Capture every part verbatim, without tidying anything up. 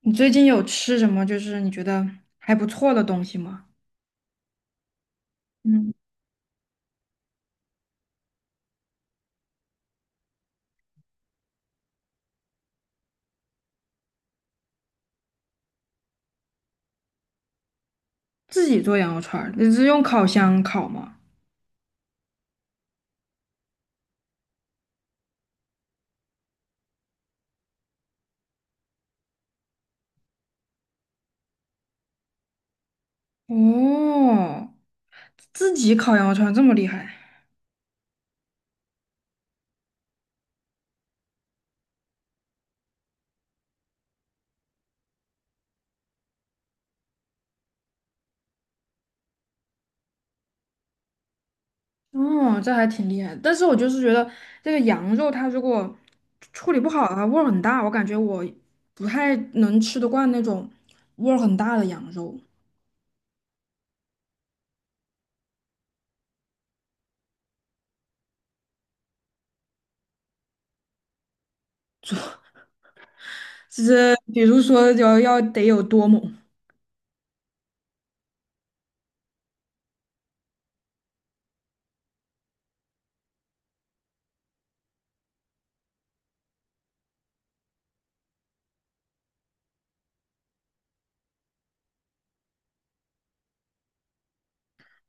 你最近有吃什么就是你觉得还不错的东西吗？嗯，自己做羊肉串儿，你是用烤箱烤吗？哦，自己烤羊肉串儿这么厉害？哦，这还挺厉害的但是我就是觉得这个羊肉它如果处理不好的话，味儿很大，我感觉我不太能吃得惯那种味儿很大的羊肉。就是比如说要要得有多猛？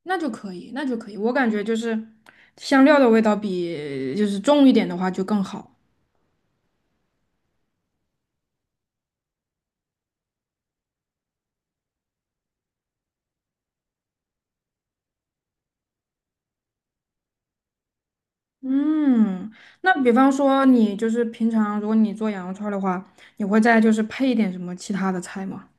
那就可以，那就可以。我感觉就是香料的味道比就是重一点的话就更好。嗯，那比方说你就是平常如果你做羊肉串儿的话，你会再就是配一点什么其他的菜吗？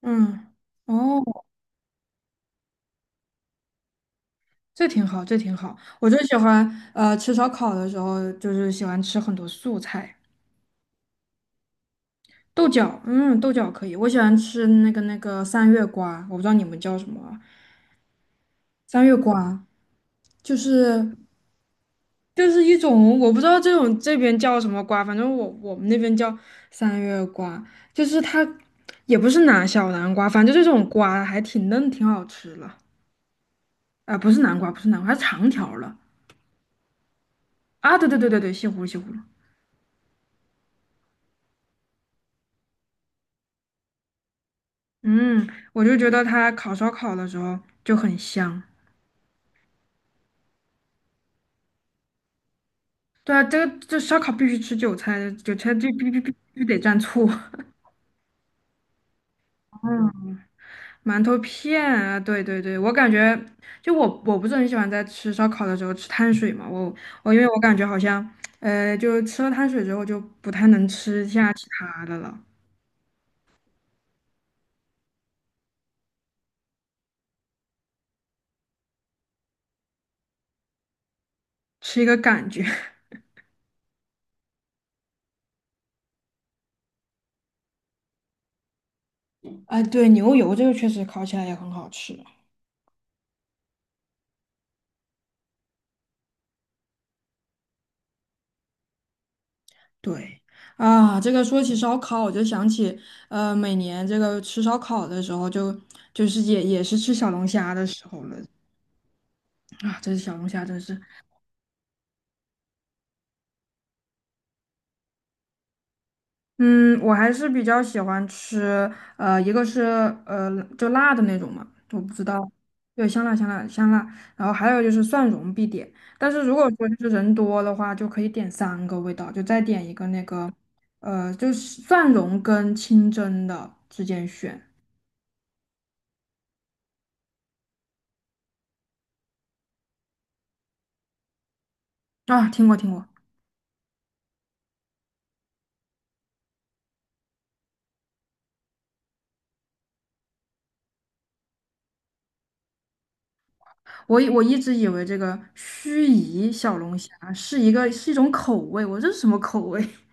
嗯，哦，这挺好，这挺好。我就喜欢呃吃烧烤的时候，就是喜欢吃很多素菜，豆角，嗯，豆角可以。我喜欢吃那个那个三月瓜，我不知道你们叫什么啊三月瓜就是。就是一种我不知道这种这边叫什么瓜，反正我我们那边叫三月瓜，就是它也不是南小南瓜，反正就这种瓜还挺嫩，挺好吃了。啊、不是南瓜，不是南瓜，它长条了啊！对对对对对，西葫芦西葫芦。嗯，我就觉得它烤烧烤的时候就很香。对啊，这个这烧烤必须吃韭菜，韭菜就必必必必须得蘸醋。馒头片啊，对对对，我感觉就我我不是很喜欢在吃烧烤的时候吃碳水嘛，我我因为我感觉好像，呃，就吃了碳水之后就不太能吃下其他的了，吃一个感觉。哎，对，牛油这个确实烤起来也很好吃。对啊，这个说起烧烤，我就想起，呃，每年这个吃烧烤的时候就，就是也也是吃小龙虾的时候了啊，这是小龙虾真是。嗯，我还是比较喜欢吃，呃，一个是呃就辣的那种嘛，我不知道，对，香辣香辣香辣，然后还有就是蒜蓉必点，但是如果说就是人多的话，就可以点三个味道，就再点一个那个，呃，就是蒜蓉跟清蒸的之间选啊，听过听过，我以我一直以为这个盱眙小龙虾是一个是一种口味，我这是什么口味？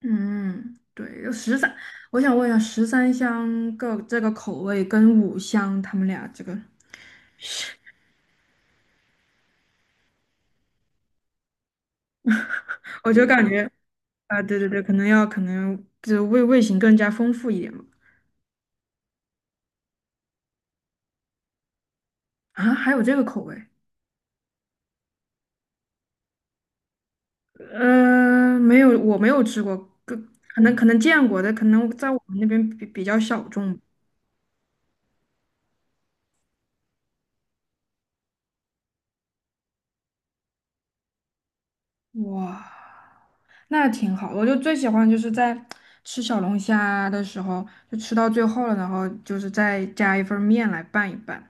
嗯，对，有十三，我想问一下，十三香个这个口味跟五香他们俩这个，我就感嗯觉啊、对对对，可能要可能就味味型更加丰富一点嘛。啊，还有这个口味？呃，没有，我没有吃过，可可能可能见过的，可能在我们那边比比较小众。哇，那挺好。我就最喜欢就是在吃小龙虾的时候，就吃到最后了，然后就是再加一份面来拌一拌。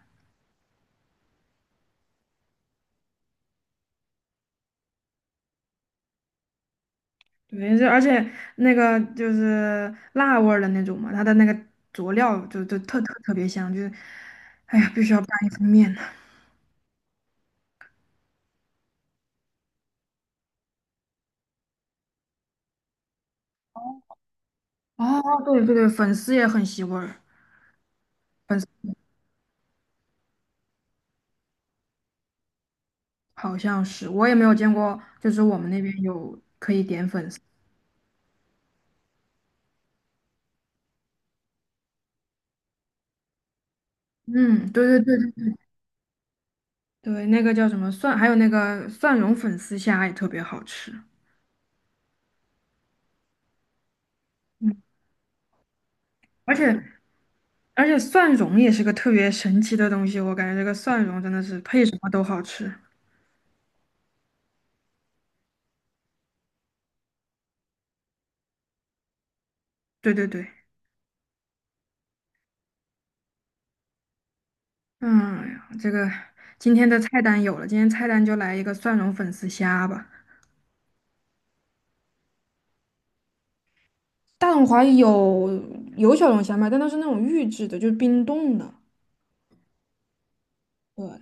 对，这而且那个就是辣味儿的那种嘛，它的那个佐料就就特特特别香，就是，哎呀，必须要拌一份面呢。哦，对对对，粉丝也很吸味儿，粉丝好像是，我也没有见过，就是我们那边有可以点粉丝。嗯，对对对对，对那个叫什么蒜，还有那个蒜蓉粉丝虾也特别好吃。嗯，而且而且蒜蓉也是个特别神奇的东西，我感觉这个蒜蓉真的是配什么都好吃。对对对。嗯，这个今天的菜单有了，今天菜单就来一个蒜蓉粉丝虾吧。大董华有有小龙虾卖，但它是那种预制的，就是冰冻的。对，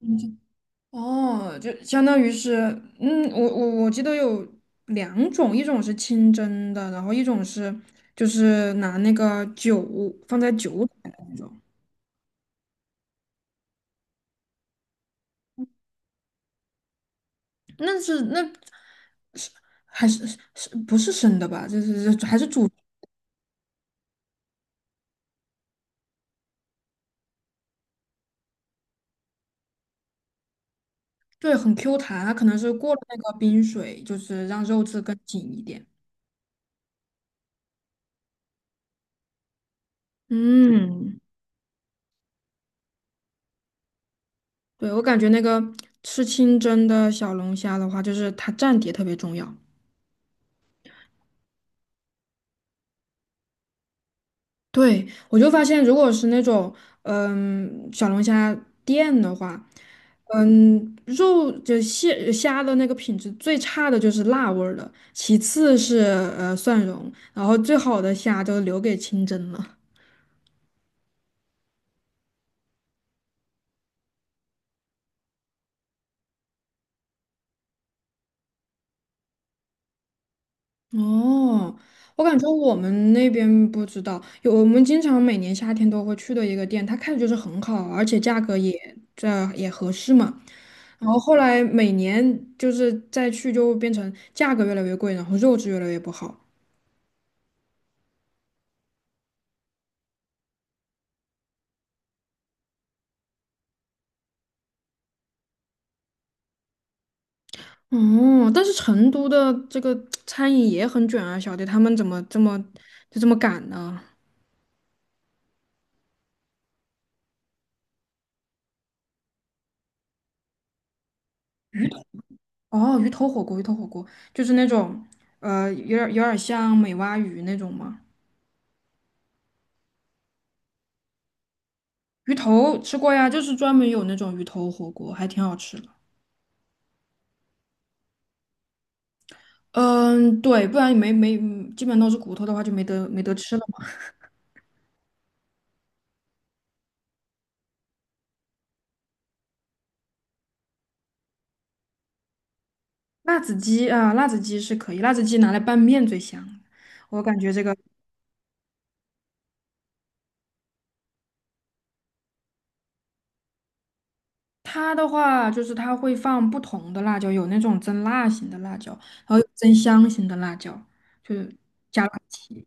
嗯就哦，就相当于是，嗯，我我我记得有两种，一种是清蒸的，然后一种是就是拿那个酒放在酒里面的那种，那是那还是是不是生的吧？就是还是煮。对，很 Q 弹，它可能是过了那个冰水，就是让肉质更紧一点。嗯，对，我感觉那个吃清蒸的小龙虾的话，就是它蘸碟特别重要。对，我就发现，如果是那种嗯小龙虾店的话，嗯肉就蟹虾的那个品质最差的就是辣味儿的，其次是呃蒜蓉，然后最好的虾都留给清蒸了。哦，我感觉我们那边不知道，有我们经常每年夏天都会去的一个店，它开的就是很好，而且价格也这也合适嘛。然后后来每年就是再去就变成价格越来越贵，然后肉质越来越不好。哦，但是成都的这个餐饮也很卷啊，小弟他们怎么这么就这么赶呢？哦，鱼头火锅，鱼头火锅就是那种呃有点有点像美蛙鱼那种吗？鱼头吃过呀，就是专门有那种鱼头火锅，还挺好吃的。嗯，对，不然也没没，嗯基本都是骨头的话就没得没得吃了嘛辣子鸡啊，辣子鸡是可以，辣子鸡拿来拌面最香。我感觉这个它的话，就是它会放不同的辣椒，有那种增辣型的辣椒，然后有增香型的辣椒，就是加辣提。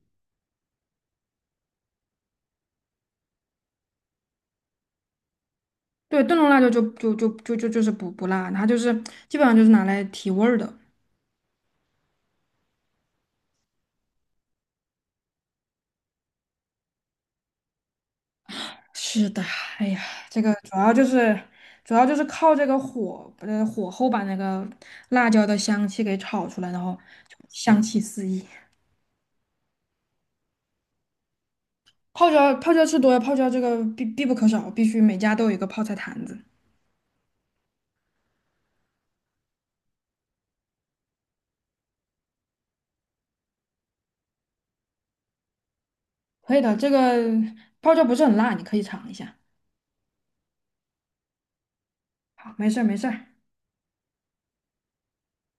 对，炖笼辣椒就就就就就就是不不辣，它就是基本上就是拿来提味儿的。是的，哎呀，这个主要就是主要就是靠这个火，呃，火候把那个辣椒的香气给炒出来，然后就香气四溢。泡椒泡椒吃多了，泡椒这个必必不可少，必须每家都有一个泡菜坛子。可以的，这个泡椒不是很辣，你可以尝一下。好，没事儿没事儿。